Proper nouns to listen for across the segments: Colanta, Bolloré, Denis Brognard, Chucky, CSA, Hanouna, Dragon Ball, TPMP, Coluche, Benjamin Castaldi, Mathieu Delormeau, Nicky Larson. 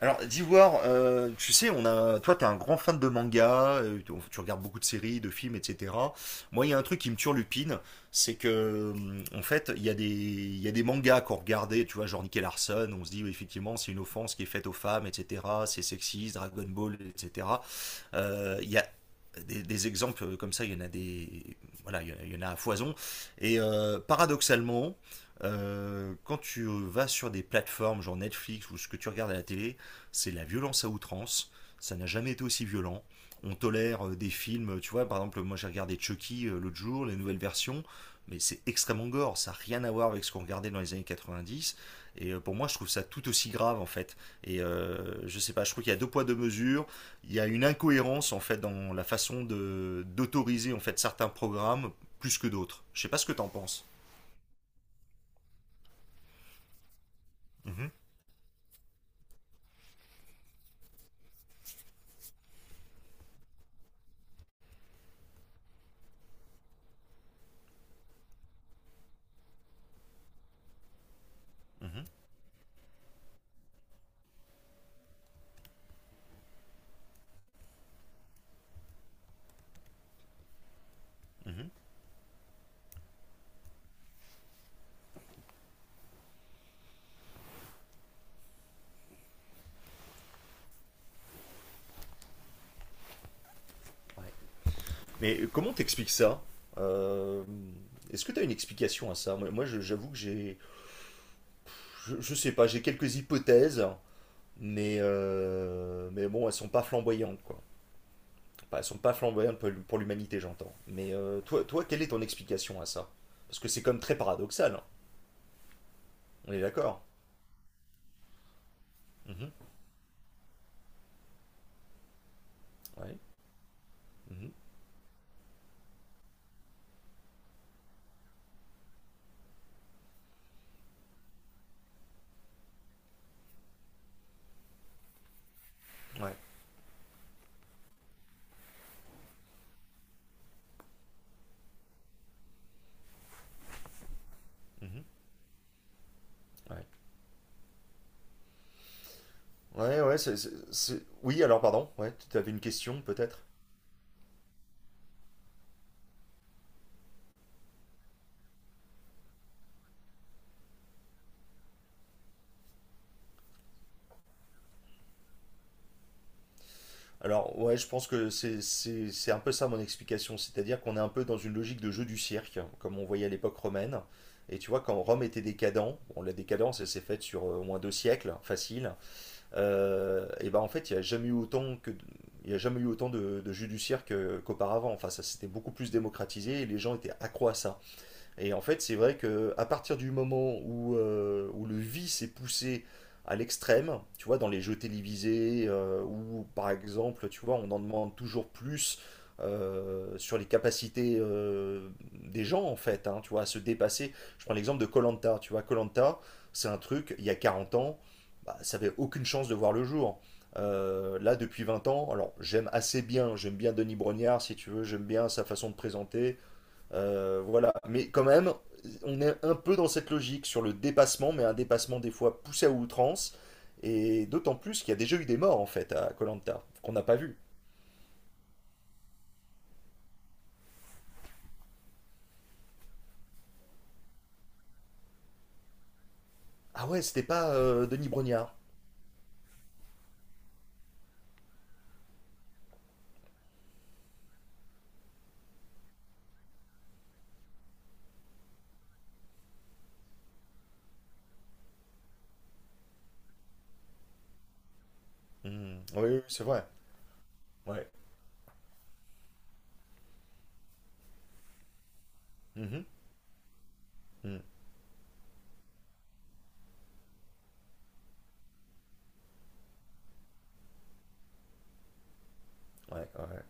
Alors, Dewar, tu sais, on a, toi, t'es un grand fan de manga, tu regardes beaucoup de séries, de films, etc. Moi, il y a un truc qui me turlupine, c'est que, en fait, il y a des mangas qu'on regardait, tu vois, genre Nicky Larson, on se dit, oui, effectivement, c'est une offense qui est faite aux femmes, etc. C'est sexiste, Dragon Ball, etc. Il y a exemples comme ça, il y en a des, voilà, il y en a à foison. Et paradoxalement, quand tu vas sur des plateformes genre Netflix ou ce que tu regardes à la télé, c'est la violence à outrance. Ça n'a jamais été aussi violent. On tolère des films, tu vois, par exemple, moi j'ai regardé Chucky l'autre jour, les nouvelles versions, mais c'est extrêmement gore, ça n'a rien à voir avec ce qu'on regardait dans les années 90. Et pour moi, je trouve ça tout aussi grave en fait. Et je sais pas, je trouve qu'il y a deux poids deux mesures, il y a une incohérence en fait dans la façon de d'autoriser en fait certains programmes plus que d'autres. Je sais pas ce que t'en penses. Mhm, mhm, mhm. Ouais. Mais comment t'expliques ça? Euh, Est-ce que t'as une explication à ça? Moi, j'avoue que je sais pas, j'ai quelques hypothèses, mais mais bon, elles sont pas flamboyantes quoi. Enfin, elles sont pas flamboyantes pour l'humanité, j'entends. Mais toi, quelle est ton explication à ça? Parce que c'est comme très paradoxal, hein. On est d'accord. Mhm. Ouais. Mhm. Ouais. Mhm. Ouais. Ouais, ouais, oui, alors pardon, ouais, tu avais une question peut-être? Alors, ouais, je pense que c'est un peu ça mon explication, c'est-à-dire qu'on est un peu dans une logique de jeu du cirque, comme on voyait à l'époque romaine. Et tu vois, quand Rome était décadent, bon, la décadence, elle s'est faite sur au moins deux siècles, facile, et ben en fait, il y a jamais eu autant de jeux du cirque qu'auparavant. Enfin, ça s'était beaucoup plus démocratisé et les gens étaient accros à ça. Et en fait, c'est vrai que à partir du moment où, où le vice est poussé à l'extrême, tu vois, dans les jeux télévisés, où par exemple, tu vois, on en demande toujours plus sur les capacités des gens, en fait, hein, tu vois, à se dépasser. Je prends l'exemple de Colanta, tu vois, Colanta, c'est un truc, il y a 40 ans, bah, ça avait aucune chance de voir le jour. Là, depuis 20 ans, alors j'aime assez bien, j'aime bien Denis Brognard, si tu veux, j'aime bien sa façon de présenter, voilà. Mais quand même, on est un peu dans cette logique sur le dépassement, mais un dépassement des fois poussé à outrance. Et d'autant plus qu'il y a déjà eu des morts en fait à Colanta qu'on n'a pas vu. Ah ouais, c'était pas Denis Brognard. Hmm. Oui, oui, c'est vrai. Ouais. Mhm. Hmm. Ouais, ouais.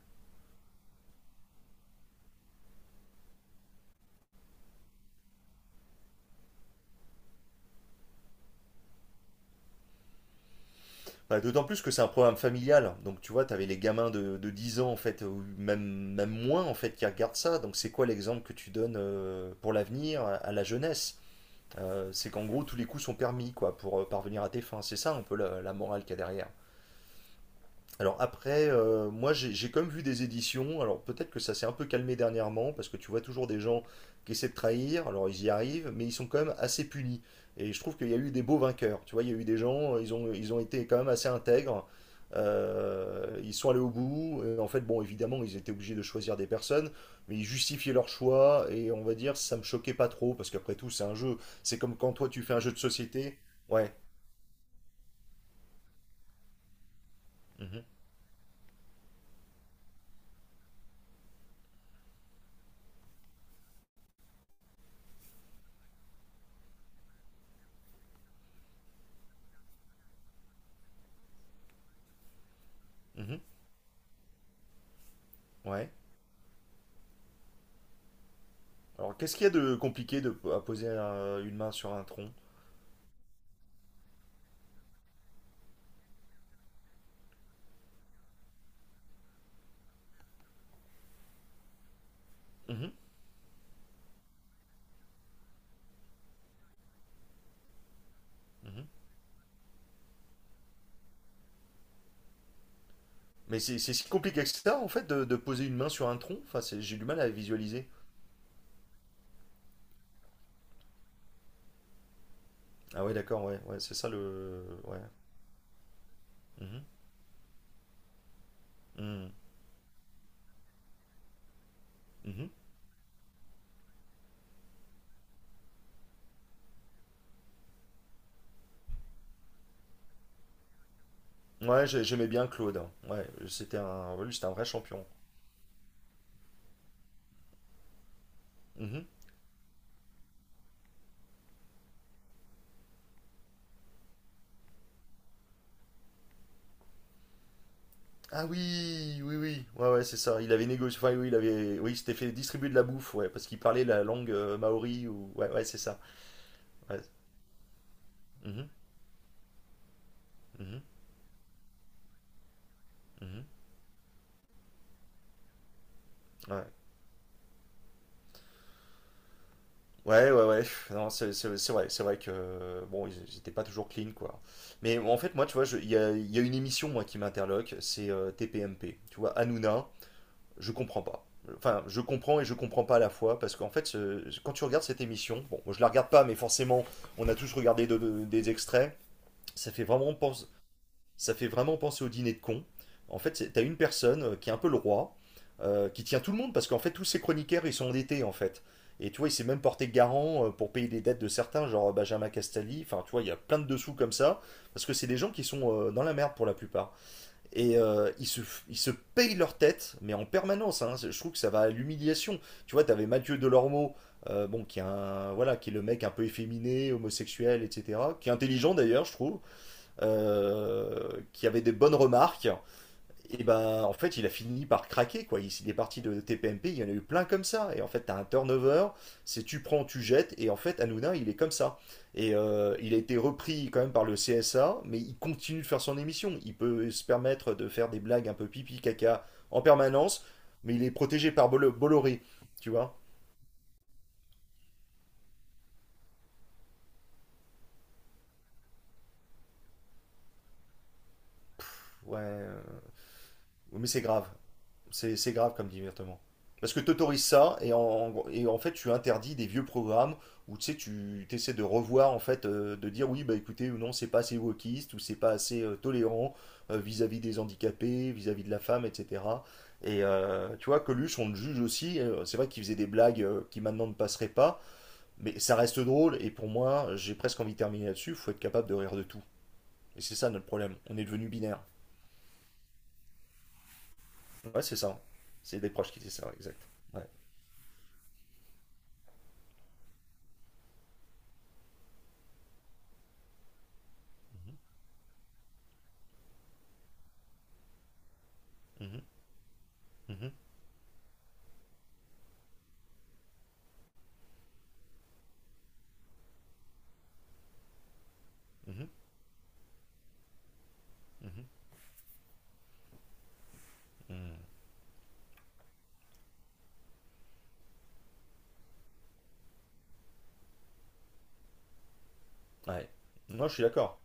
Bah, d'autant plus que c'est un programme familial. Donc tu vois, t'avais les gamins de 10 ans en fait, ou même moins en fait, qui regardent ça. Donc c'est quoi l'exemple que tu donnes pour l'avenir à la jeunesse? C'est qu'en gros, tous les coups sont permis quoi, pour parvenir à tes fins. C'est ça un peu la morale qu'il y a derrière. Alors après, moi j'ai quand même vu des éditions, alors peut-être que ça s'est un peu calmé dernièrement, parce que tu vois toujours des gens qui essaient de trahir, alors ils y arrivent, mais ils sont quand même assez punis. Et je trouve qu'il y a eu des beaux vainqueurs, tu vois, il y a eu des gens, ils ont été quand même assez intègres, ils sont allés au bout, et en fait, bon, évidemment, ils étaient obligés de choisir des personnes, mais ils justifiaient leur choix, et on va dire, ça me choquait pas trop, parce qu'après tout, c'est un jeu, c'est comme quand toi tu fais un jeu de société, ouais, mhm, mhm, ouais. Alors, qu'est-ce qu'il y a de compliqué à poser une main sur un tronc? Mhm, mhm. Mais c'est si compliqué que ça, en fait, de poser une main sur un tronc? Enfin, j'ai du mal à visualiser. Ah ouais, d'accord, ouais, ouais, c'est ça. Ouais. Mhm, mhm, mhm. Ouais, j'aimais bien Claude, hein. Ouais, c'était un, ouais, lui, c'était un vrai champion. Mhm. Ah oui, oui, oui, ouais, ouais, c'est ça. Il avait négocié, enfin, oui, il avait, oui, il s'était fait distribuer de la bouffe, ouais, parce qu'il parlait la langue maori ou, ouais, ouais, c'est ça. Ouais. Mhm, mhm, mhm. Ouais. Ouais, ouais, ouais. Non, c'est vrai que bon, ils étaient pas toujours clean, quoi. Mais en fait, moi, tu vois, il y a une émission moi qui m'interloque, c'est TPMP. Tu vois, Hanouna, je comprends pas. Enfin, je comprends et je comprends pas à la fois parce qu'en fait, quand tu regardes cette émission, bon, moi, je la regarde pas, mais forcément, on a tous regardé des extraits. Ça fait vraiment penser, Ça fait vraiment penser au dîner de cons. En fait, t'as une personne qui est un peu le roi, qui tient tout le monde parce qu'en fait, tous ces chroniqueurs, ils sont endettés en fait. Et tu vois, il s'est même porté garant pour payer des dettes de certains, genre Benjamin Castaldi. Enfin, tu vois, il y a plein de dessous comme ça, parce que c'est des gens qui sont dans la merde pour la plupart. Et ils se payent leur tête, mais en permanence, hein. Je trouve que ça va à l'humiliation. Tu vois, t'avais Mathieu Delormeau, bon, voilà, qui est le mec un peu efféminé, homosexuel, etc., qui est intelligent d'ailleurs, je trouve, qui avait des bonnes remarques, et ben en fait il a fini par craquer quoi. Il est parti de TPMP, il y en a eu plein comme ça. Et en fait t'as un turnover, c'est tu prends, tu jettes, et en fait Hanouna il est comme ça. Et il a été repris quand même par le CSA, mais il continue de faire son émission. Il peut se permettre de faire des blagues un peu pipi caca en permanence, mais il est protégé par Bolloré, tu vois. Ouais, mais c'est grave. C'est grave comme divertement. Parce que t'autorises ça et en fait tu interdis des vieux programmes où tu sais tu essaies de revoir en fait de dire oui bah écoutez ou non c'est pas assez wokiste ou c'est pas assez tolérant vis-à-vis des handicapés, vis-à-vis de la femme etc. Et tu vois Coluche on le juge aussi, c'est vrai qu'il faisait des blagues qui maintenant ne passeraient pas mais ça reste drôle et pour moi j'ai presque envie de terminer là-dessus. Il faut être capable de rire de tout. Et c'est ça notre problème, on est devenu binaire. Ouais c'est ça, c'est des proches qui disent ça, ouais, exact. Ouais. Mhm. Mhm. Mhm, mhm, mhm, mhm. Ouais. Moi, je suis d'accord.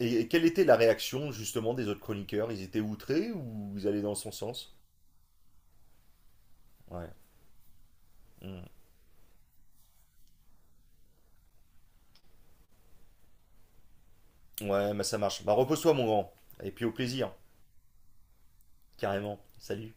Et quelle était la réaction justement des autres chroniqueurs? Ils étaient outrés ou ils allaient dans son sens? Ouais. Mm. Ouais, mais ça marche. Bah repose-toi, mon grand. Et puis au plaisir, carrément. Salut.